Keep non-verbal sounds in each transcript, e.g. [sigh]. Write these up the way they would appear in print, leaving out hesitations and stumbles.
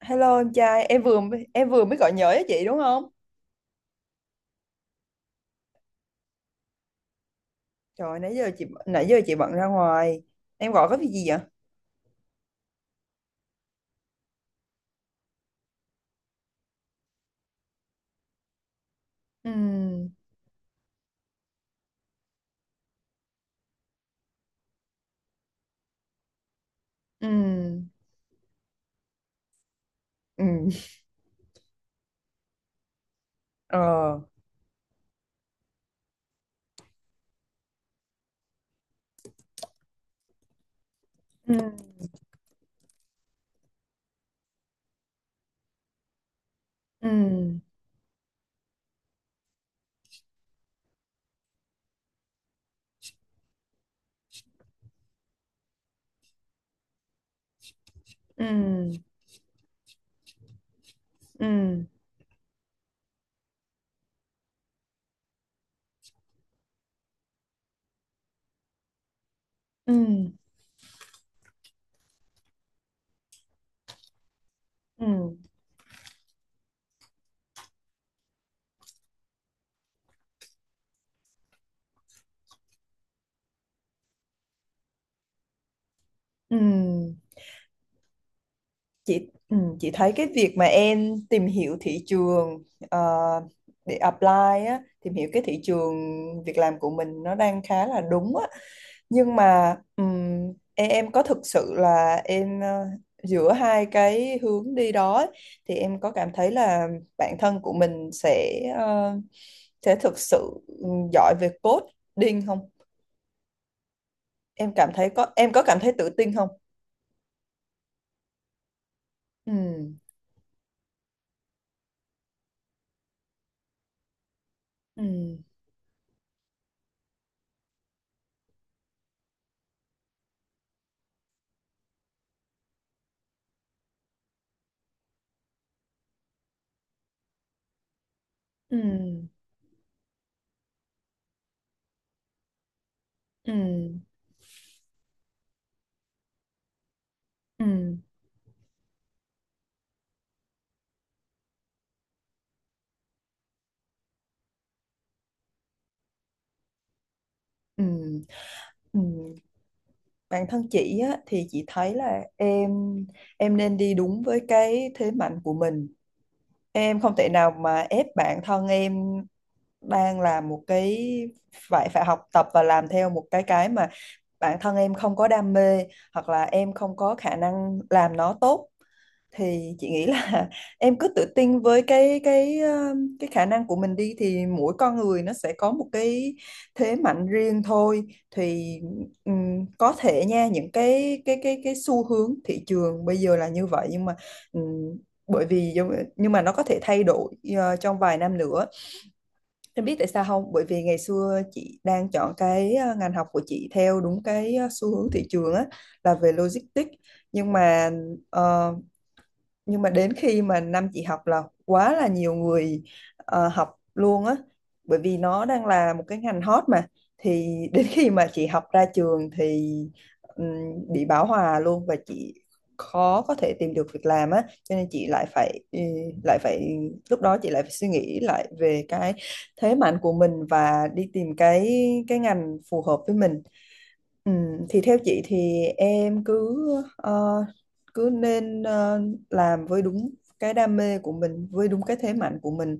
Hello em trai, em vừa mới gọi nhớ cho chị đúng không? Trời, nãy giờ chị bận ra ngoài. Em gọi có việc gì vậy? Ừ, ừ, ừ, ờ, ừ, ừ, ừ, ừ, ừ, ừ, ừ. Chị thấy cái việc mà em tìm hiểu thị trường, ờ, để apply á, tìm hiểu cái thị trường việc làm của mình nó đang khá là đúng á. Nhưng mà em có thực sự là giữa hai cái hướng đi đó ấy, thì em có cảm thấy là bản thân của mình sẽ sẽ thực sự giỏi về coding không? Em cảm thấy có em có cảm thấy tự tin không? Ừm, ừm, ừm, ừm, ừm, ừm, ừm. Bản thân chị á, thì chị thấy là em nên đi đúng với cái thế mạnh của mình. Em không thể nào mà ép bản thân em đang làm một cái, phải phải học tập và làm theo một cái mà bản thân em không có đam mê hoặc là em không có khả năng làm nó tốt, thì chị nghĩ là [laughs] em cứ tự tin với cái khả năng của mình đi. Thì mỗi con người nó sẽ có một cái thế mạnh riêng thôi. Thì có thể nha, những cái xu hướng thị trường bây giờ là như vậy, nhưng mà ừm, bởi vì nó có thể thay đổi trong vài năm nữa. Em biết tại sao không? Bởi vì ngày xưa chị đang chọn cái ngành học của chị theo đúng cái xu hướng thị trường á, là về logistics. Nhưng mà ờ, đến khi mà năm chị học là quá là nhiều người học luôn á, bởi vì nó đang là một cái ngành hot mà. Thì đến khi mà chị học ra trường thì bị bão hòa luôn, và chị khó có thể tìm được việc làm á, cho nên chị lại phải, lại phải lúc đó chị lại phải suy nghĩ lại về cái thế mạnh của mình và đi tìm cái ngành phù hợp với mình. Ừ, thì theo chị thì em cứ ờ, cứ nên ờ, làm với đúng cái đam mê của mình, với đúng cái thế mạnh của mình.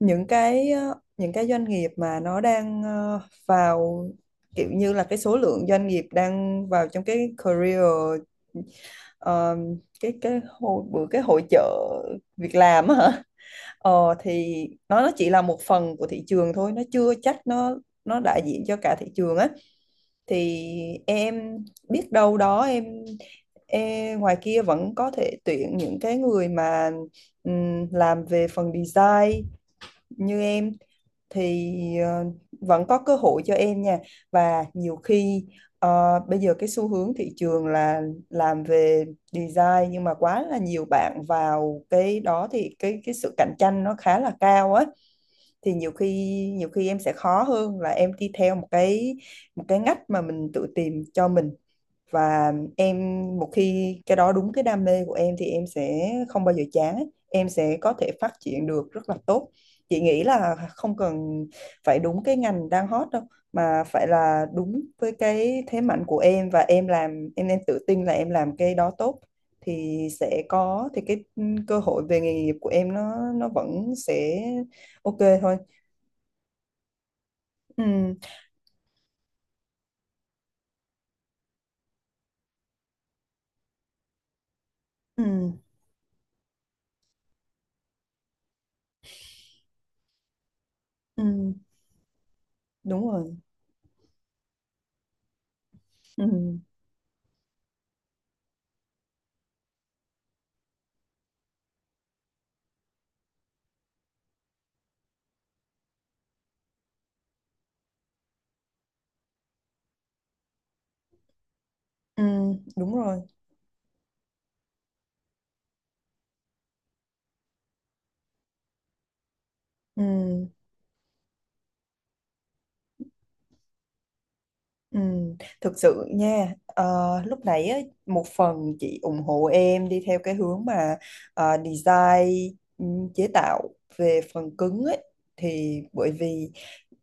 Những những cái doanh nghiệp mà nó đang vào, kiểu như là cái số lượng doanh nghiệp đang vào trong cái career, ờ, cái hội bữa cái hội chợ việc làm á hả? Ờ, thì nó chỉ là một phần của thị trường thôi, nó chưa chắc nó đại diện cho cả thị trường á. Thì em biết đâu đó, em ngoài kia vẫn có thể tuyển những cái người mà làm về phần design như em, thì vẫn có cơ hội cho em nha. Và nhiều khi bây giờ cái xu hướng thị trường là làm về design, nhưng mà quá là nhiều bạn vào cái đó, thì cái sự cạnh tranh nó khá là cao á. Thì nhiều khi em sẽ khó hơn là em đi theo một cái ngách mà mình tự tìm cho mình. Và em, một khi cái đó đúng cái đam mê của em thì em sẽ không bao giờ chán ấy. Em sẽ có thể phát triển được rất là tốt. Chị nghĩ là không cần phải đúng cái ngành đang hot đâu, mà phải là đúng với cái thế mạnh của em, và em làm em nên tự tin là em làm cái đó tốt, thì sẽ có thì cái cơ hội về nghề nghiệp của em nó vẫn sẽ ok thôi. Ừ, ừ, ừ, đúng rồi ừ, ừ, đúng rồi ừ. Ừ, thực sự nha, lúc nãy á, một phần chị ủng hộ em đi theo cái hướng mà design, ừ, chế tạo về phần cứng ấy, thì bởi vì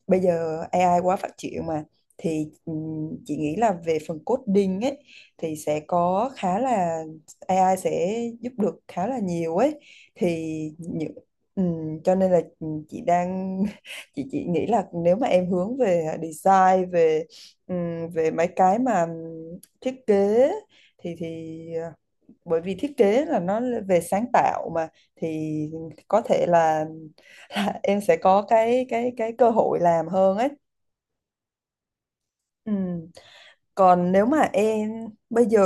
bây giờ AI quá phát triển mà. Thì chị nghĩ là về phần coding ấy thì sẽ có khá là, AI sẽ giúp được khá là nhiều ấy. Thì những cho nên là chị đang [laughs] chị nghĩ là nếu mà em hướng về design, về về mấy cái mà thiết kế, thì bởi vì thiết kế là nó về sáng tạo mà, thì có thể là em sẽ có cái cơ hội làm hơn ấy. Ừ. Còn nếu mà em bây giờ,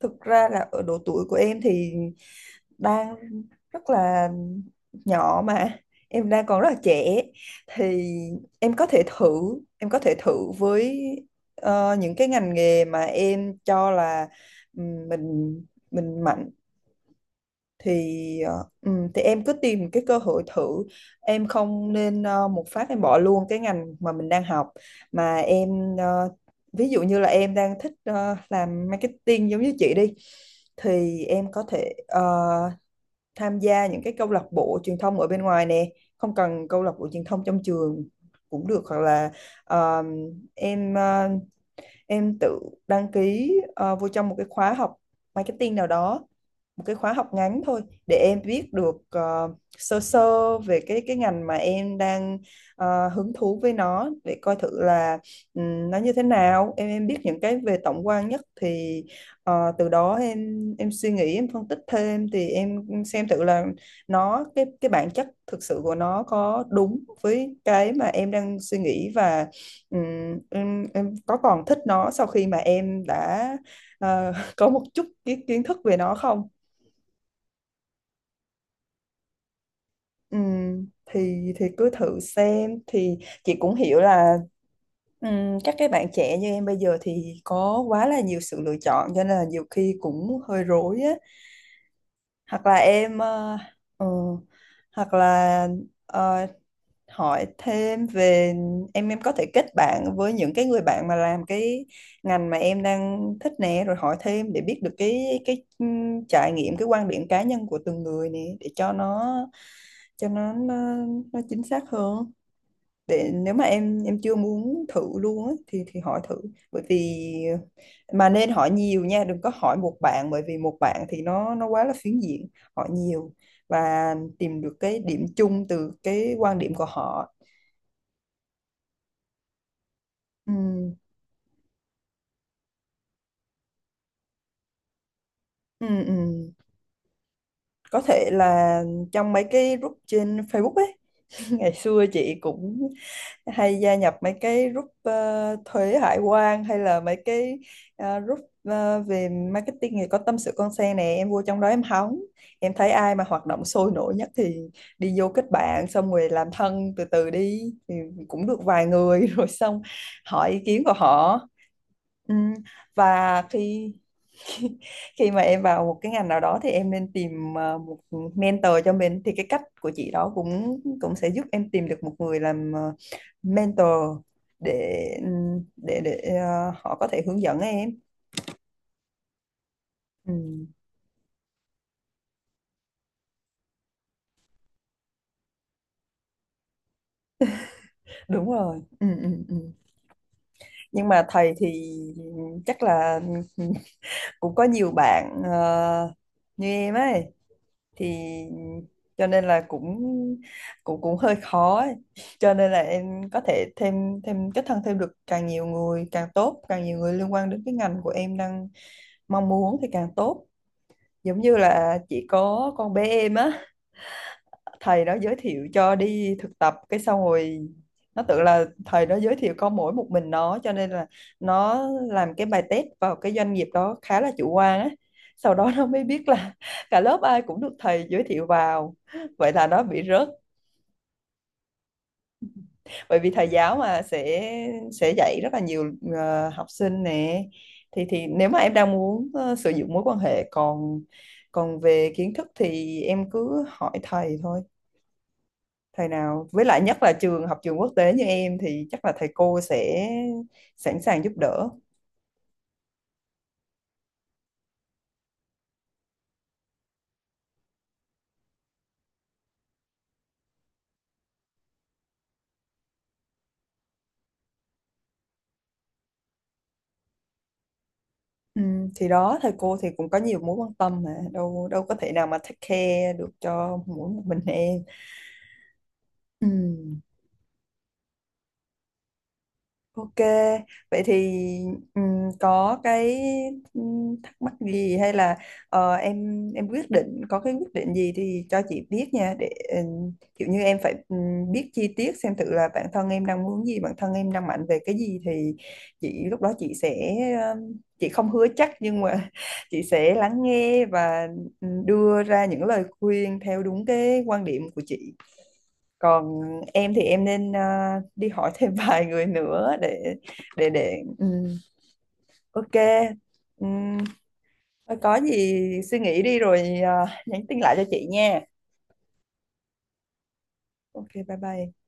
thực ra là ở độ tuổi của em thì đang rất là nhỏ mà, em đang còn rất là trẻ, thì em có thể thử em có thể thử với những cái ngành nghề mà em cho là ừ, mình mình mạnh, thì thì em cứ tìm cái cơ hội thử. Em không nên một phát em bỏ luôn cái ngành mà mình đang học, mà em ví dụ như là em đang thích làm marketing giống như chị đi, thì em có thể tham gia những cái câu lạc bộ truyền thông ở bên ngoài nè, không cần câu lạc bộ truyền thông trong trường cũng được, hoặc là ờ, em ờ, em tự đăng ký vô trong một cái khóa học marketing nào đó, một cái khóa học ngắn thôi, để em biết được sơ sơ về cái ngành mà em đang hứng thú với nó, để coi thử là nó như thế nào, em biết những cái về tổng quan nhất. Thì từ đó em suy nghĩ, em phân tích thêm, thì em xem thử là nó, cái bản chất thực sự của nó có đúng với cái mà em đang suy nghĩ, và em có còn thích nó sau khi mà em đã [laughs] có một chút kiến kiến thức về nó không. Thì thì cứ thử xem thì chị cũng hiểu là các cái bạn trẻ như em bây giờ thì có quá là nhiều sự lựa chọn, cho nên là nhiều khi cũng hơi rối á. Hoặc là em, ừ, hoặc là ờ, hỏi thêm về, em có thể kết bạn với những cái người bạn mà làm cái ngành mà em đang thích nè, rồi hỏi thêm để biết được cái trải nghiệm, cái quan điểm cá nhân của từng người nè, để cho nó, cho nó nó, nó chính xác hơn. Để nếu mà em chưa muốn thử luôn á, thì hỏi thử. Bởi vì mà nên hỏi nhiều nha, đừng có hỏi một bạn, bởi vì một bạn thì nó quá là phiến diện. Hỏi nhiều và tìm được cái điểm chung từ cái quan điểm của họ. Ừ, ừ. Có thể là trong mấy cái group trên Facebook ấy. [laughs] Ngày xưa chị cũng hay gia nhập mấy cái group thuế hải quan, hay là mấy cái group về marketing thì có tâm sự con xe nè, em vô trong đó em hóng, em thấy ai mà hoạt động sôi nổi nhất thì đi vô kết bạn, xong rồi làm thân từ từ đi, thì cũng được vài người [laughs] rồi xong hỏi ý kiến của họ. Ừ. Và khi [laughs] khi, khi mà em vào một cái ngành nào đó thì em nên tìm một mentor cho mình. Thì cái cách của chị đó cũng cũng sẽ giúp em tìm được một người làm mentor để để để họ có thể hướng dẫn em. Ừ, đúng rồi ừ, ừ, ừ. Nhưng mà thầy thì chắc là [laughs] cũng có nhiều bạn như em ấy, thì cho nên là cũng cũng cũng hơi khó ấy. Cho nên là em có thể thêm thêm kết thân thêm được càng nhiều người càng tốt, càng nhiều người liên quan đến cái ngành của em đang mong muốn thì càng tốt. Giống như là chỉ có con bé em á, thầy đó giới thiệu cho đi thực tập, cái xong rồi nó tưởng là thầy đó giới thiệu có mỗi một mình nó, cho nên là nó làm cái bài test vào cái doanh nghiệp đó khá là chủ quan á. Sau đó nó mới biết là [laughs] cả lớp ai cũng được thầy giới thiệu vào, vậy là nó bị rớt. Bởi vì thầy giáo mà sẽ dạy rất là nhiều học sinh nè, thì nếu mà em đang muốn sử dụng mối quan hệ. Còn còn về kiến thức thì em cứ hỏi thầy thôi, thầy nào với lại nhất là trường học, trường quốc tế như em thì chắc là thầy cô sẽ sẵn sàng giúp đỡ. Ừ, thì đó, thầy cô thì cũng có nhiều mối quan tâm mà, đâu đâu có thể nào mà take care được cho mỗi một mình em. Ừ. Ok, vậy thì có cái thắc mắc gì, hay là em quyết định, có cái quyết định gì thì cho chị biết nha, để kiểu như em phải biết chi tiết, xem thử là bản thân em đang muốn gì, bản thân em đang mạnh về cái gì, thì chị lúc đó sẽ chị không hứa chắc, nhưng mà [laughs] chị sẽ lắng nghe và đưa ra những lời khuyên theo đúng cái quan điểm của chị. Còn em thì em nên đi hỏi thêm [laughs] vài người nữa để để để ừm, ok. Ừm, có gì suy nghĩ đi rồi nhắn tin lại cho chị nha. Ok, bye bye.